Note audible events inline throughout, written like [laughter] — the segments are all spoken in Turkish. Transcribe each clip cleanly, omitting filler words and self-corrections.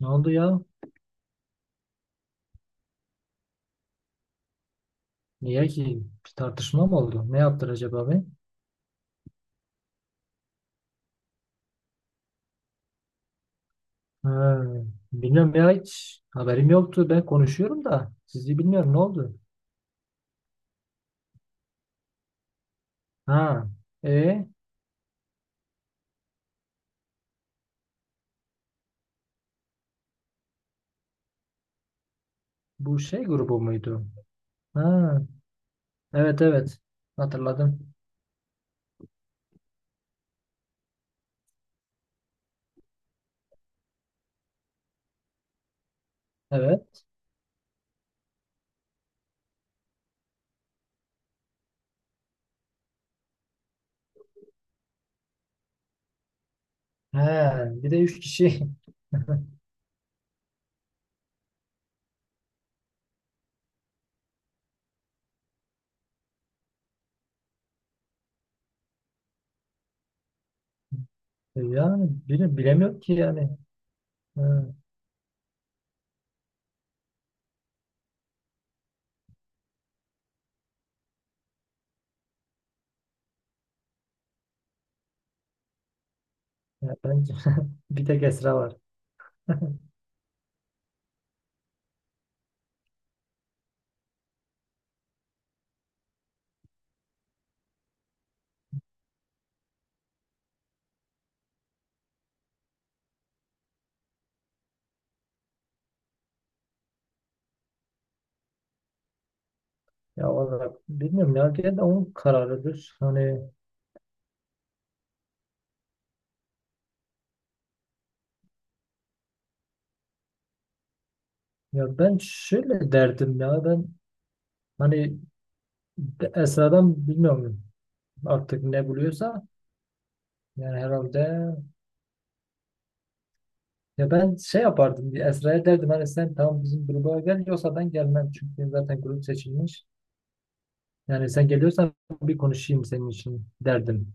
Ne oldu ya? Niye ki? Bir tartışma mı oldu? Ne yaptılar acaba be? Ha, bilmiyorum ya, hiç haberim yoktu. Ben konuşuyorum da sizi bilmiyorum, ne oldu? Ha, e bu şey grubu muydu? Ha, evet evet, hatırladım. Evet. He, bir de üç kişi. [laughs] Yani bilemiyorum ki yani. Ha, ya bence [laughs] bir tek Esra var. Ya valla bilmiyorum ya, gene de onun kararıdır. Hani ya ben şöyle derdim ya ben. Hani Esra'dan bilmiyorum artık ne buluyorsa, yani herhalde ya ben şey yapardım, bir Esra'ya derdim hani sen tamam bizim gruba gel, yoksa ben gelmem çünkü zaten grup seçilmiş. Yani sen geliyorsan bir konuşayım senin için derdim.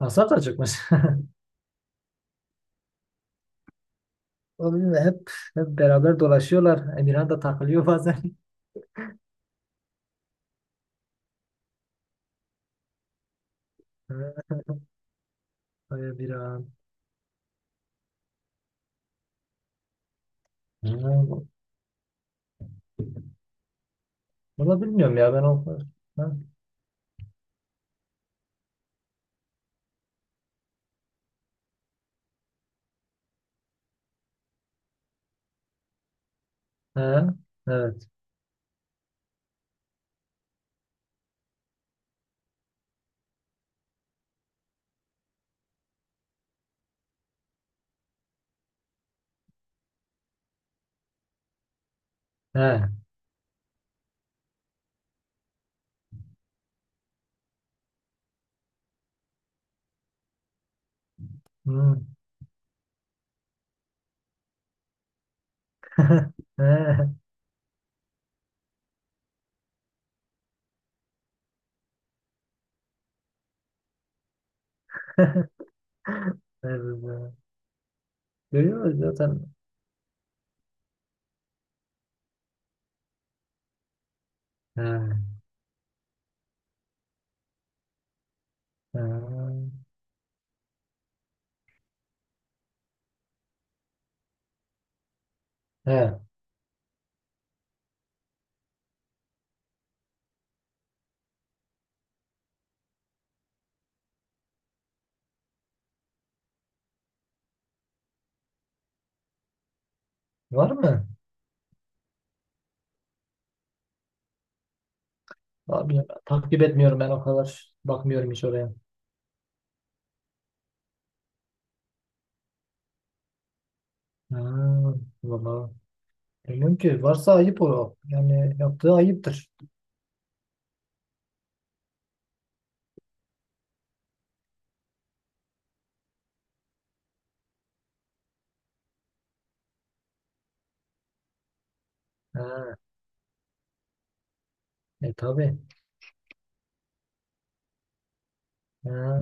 Asaf da çıkmış. [laughs] O bilmiyorum, hep beraber dolaşıyorlar. Emirhan da takılıyor bazen. [laughs] Ay Emirhan. Ha, bunu bilmiyorum ya ben o... Ha, ha, evet. Ha, hmm. [laughs] Ha. [laughs] Evet. Görüyor zaten. He, he, he. Var mı? Abi, takip etmiyorum ben o kadar. Bakmıyorum hiç oraya. Ha, valla. Bilmiyorum ki. Varsa ayıp o. Yani yaptığı ayıptır. Ha, e tabii. Ha,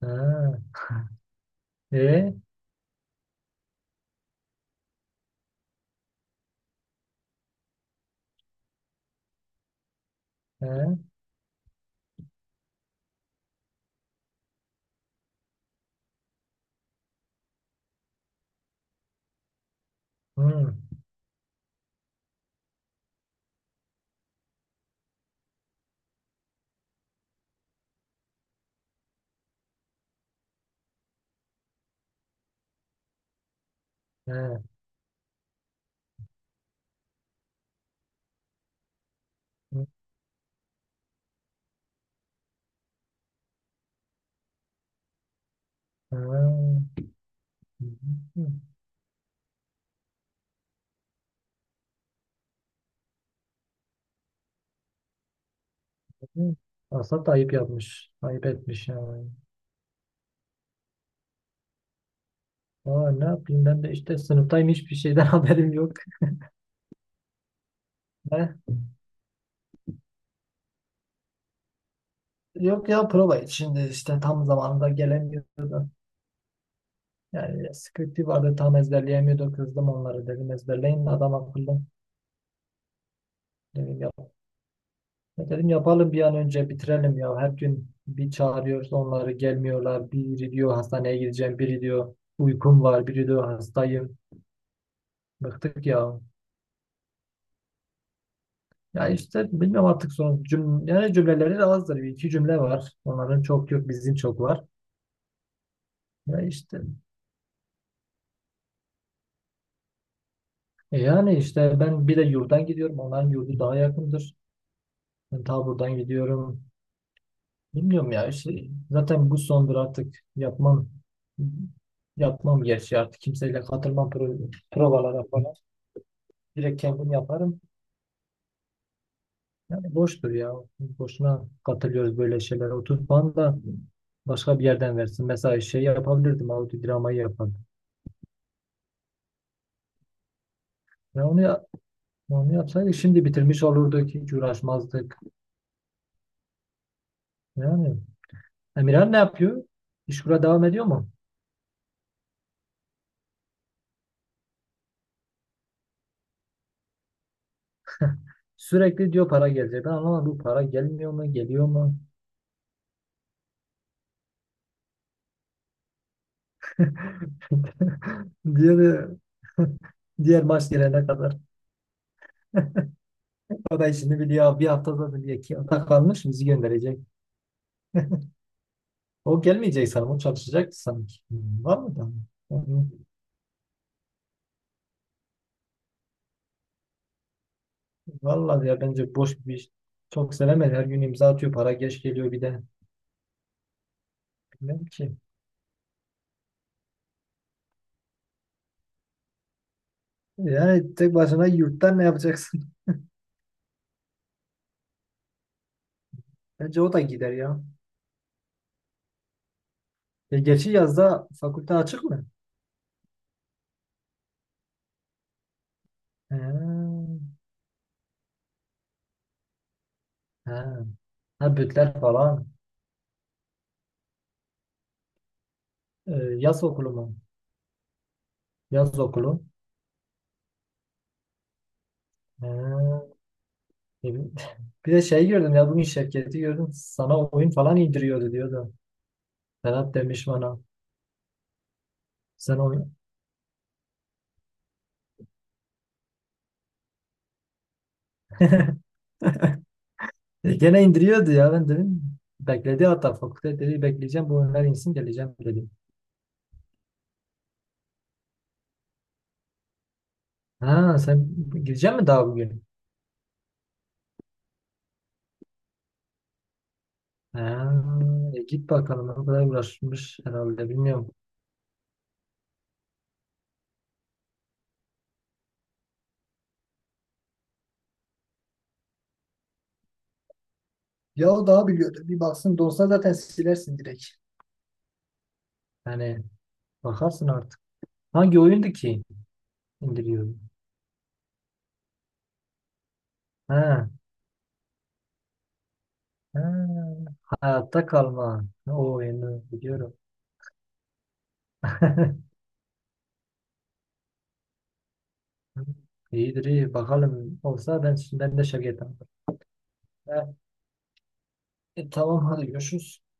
ha. [laughs] E, e, hı, e, hı, ha. Asla da ayıp yapmış. Ayıp etmiş yani. Aa, ne yapayım, ben de işte sınıftayım, hiçbir şeyden [laughs] haberim yok. Yok ya, prova için de işte tam zamanında gelemiyordu. Yani sıkıntı vardı, tam ezberleyemiyordu. Kızdım onları dedim ezberleyin adam akıllı. Dedim, yap dedim, yapalım bir an önce bitirelim ya. Her gün bir çağırıyoruz, onları gelmiyorlar. Biri diyor hastaneye gideceğim. Biri diyor uykum var. Biri diyor hastayım. Bıktık ya. Ya işte bilmiyorum artık, son yani cümleleri de azdır. Bir iki cümle var. Onların çok yok, bizim çok var. Ya işte, yani işte ben bir de yurdan gidiyorum. Onların yurdu daha yakındır. Ben ta buradan gidiyorum. Bilmiyorum ya. İşte zaten bu sondur, artık yapmam. Yapmam, gerçi artık kimseyle katılmam provalara falan. Direkt kendim yaparım. Yani boştur ya. Boşuna katılıyoruz böyle şeylere. 30 puan da başka bir yerden versin. Mesela şey yapabilirdim. Audio yapardım. Ya onu, ya- Onu yapsaydık şimdi bitirmiş olurduk. Hiç uğraşmazdık. Yani Emirhan ne yapıyor? İşkura devam ediyor mu? Sürekli diyor para gelecek. Ben anlamadım, bu para gelmiyor mu, geliyor mu? [laughs] Diğer [laughs] diğer maç gelene kadar. O da işini biliyor. Bir haftada biliyor. İki hafta kalmış, bizi gönderecek. O gelmeyecek sanırım. O çalışacak sanki. Hmm, var mı da? Hmm, vallahi ya bence boş bir iş. Çok sevemedi. Her gün imza atıyor. Para geç geliyor bir de. Bilmem ki. Yani tek başına yurttan ne yapacaksın? [laughs] Bence o da gider ya. E, geçi yazda fakülte açık mı? Ha, ha. Ha, bütler falan. E, yaz okulu mu? Yaz okulu. Ha. Ne bileyim. [laughs] Bir de şey gördüm ya, bugün Şevket'i gördüm. Sana oyun falan indiriyordu diyordu. Ferhat demiş bana. Sen oyun. E, gene indiriyordu ya ben dedim. Bekledi hatta, fakülte dedi, bekleyeceğim bu oyunlar insin geleceğim dedim. Ha, sen gireceksin mi daha bugün? Ha, e, git bakalım, o kadar uğraşmış herhalde bilmiyorum. Ya o daha biliyordu. Bir baksın, dolsa zaten silersin direkt. Yani bakarsın artık. Hangi oyundu ki indiriyordu? Ha, ha, hayatta kalma. O oyunu biliyorum. İyidir iyi. Bakalım olsa ben, ben de Şevket'im. E, e, tamam hadi görüşürüz.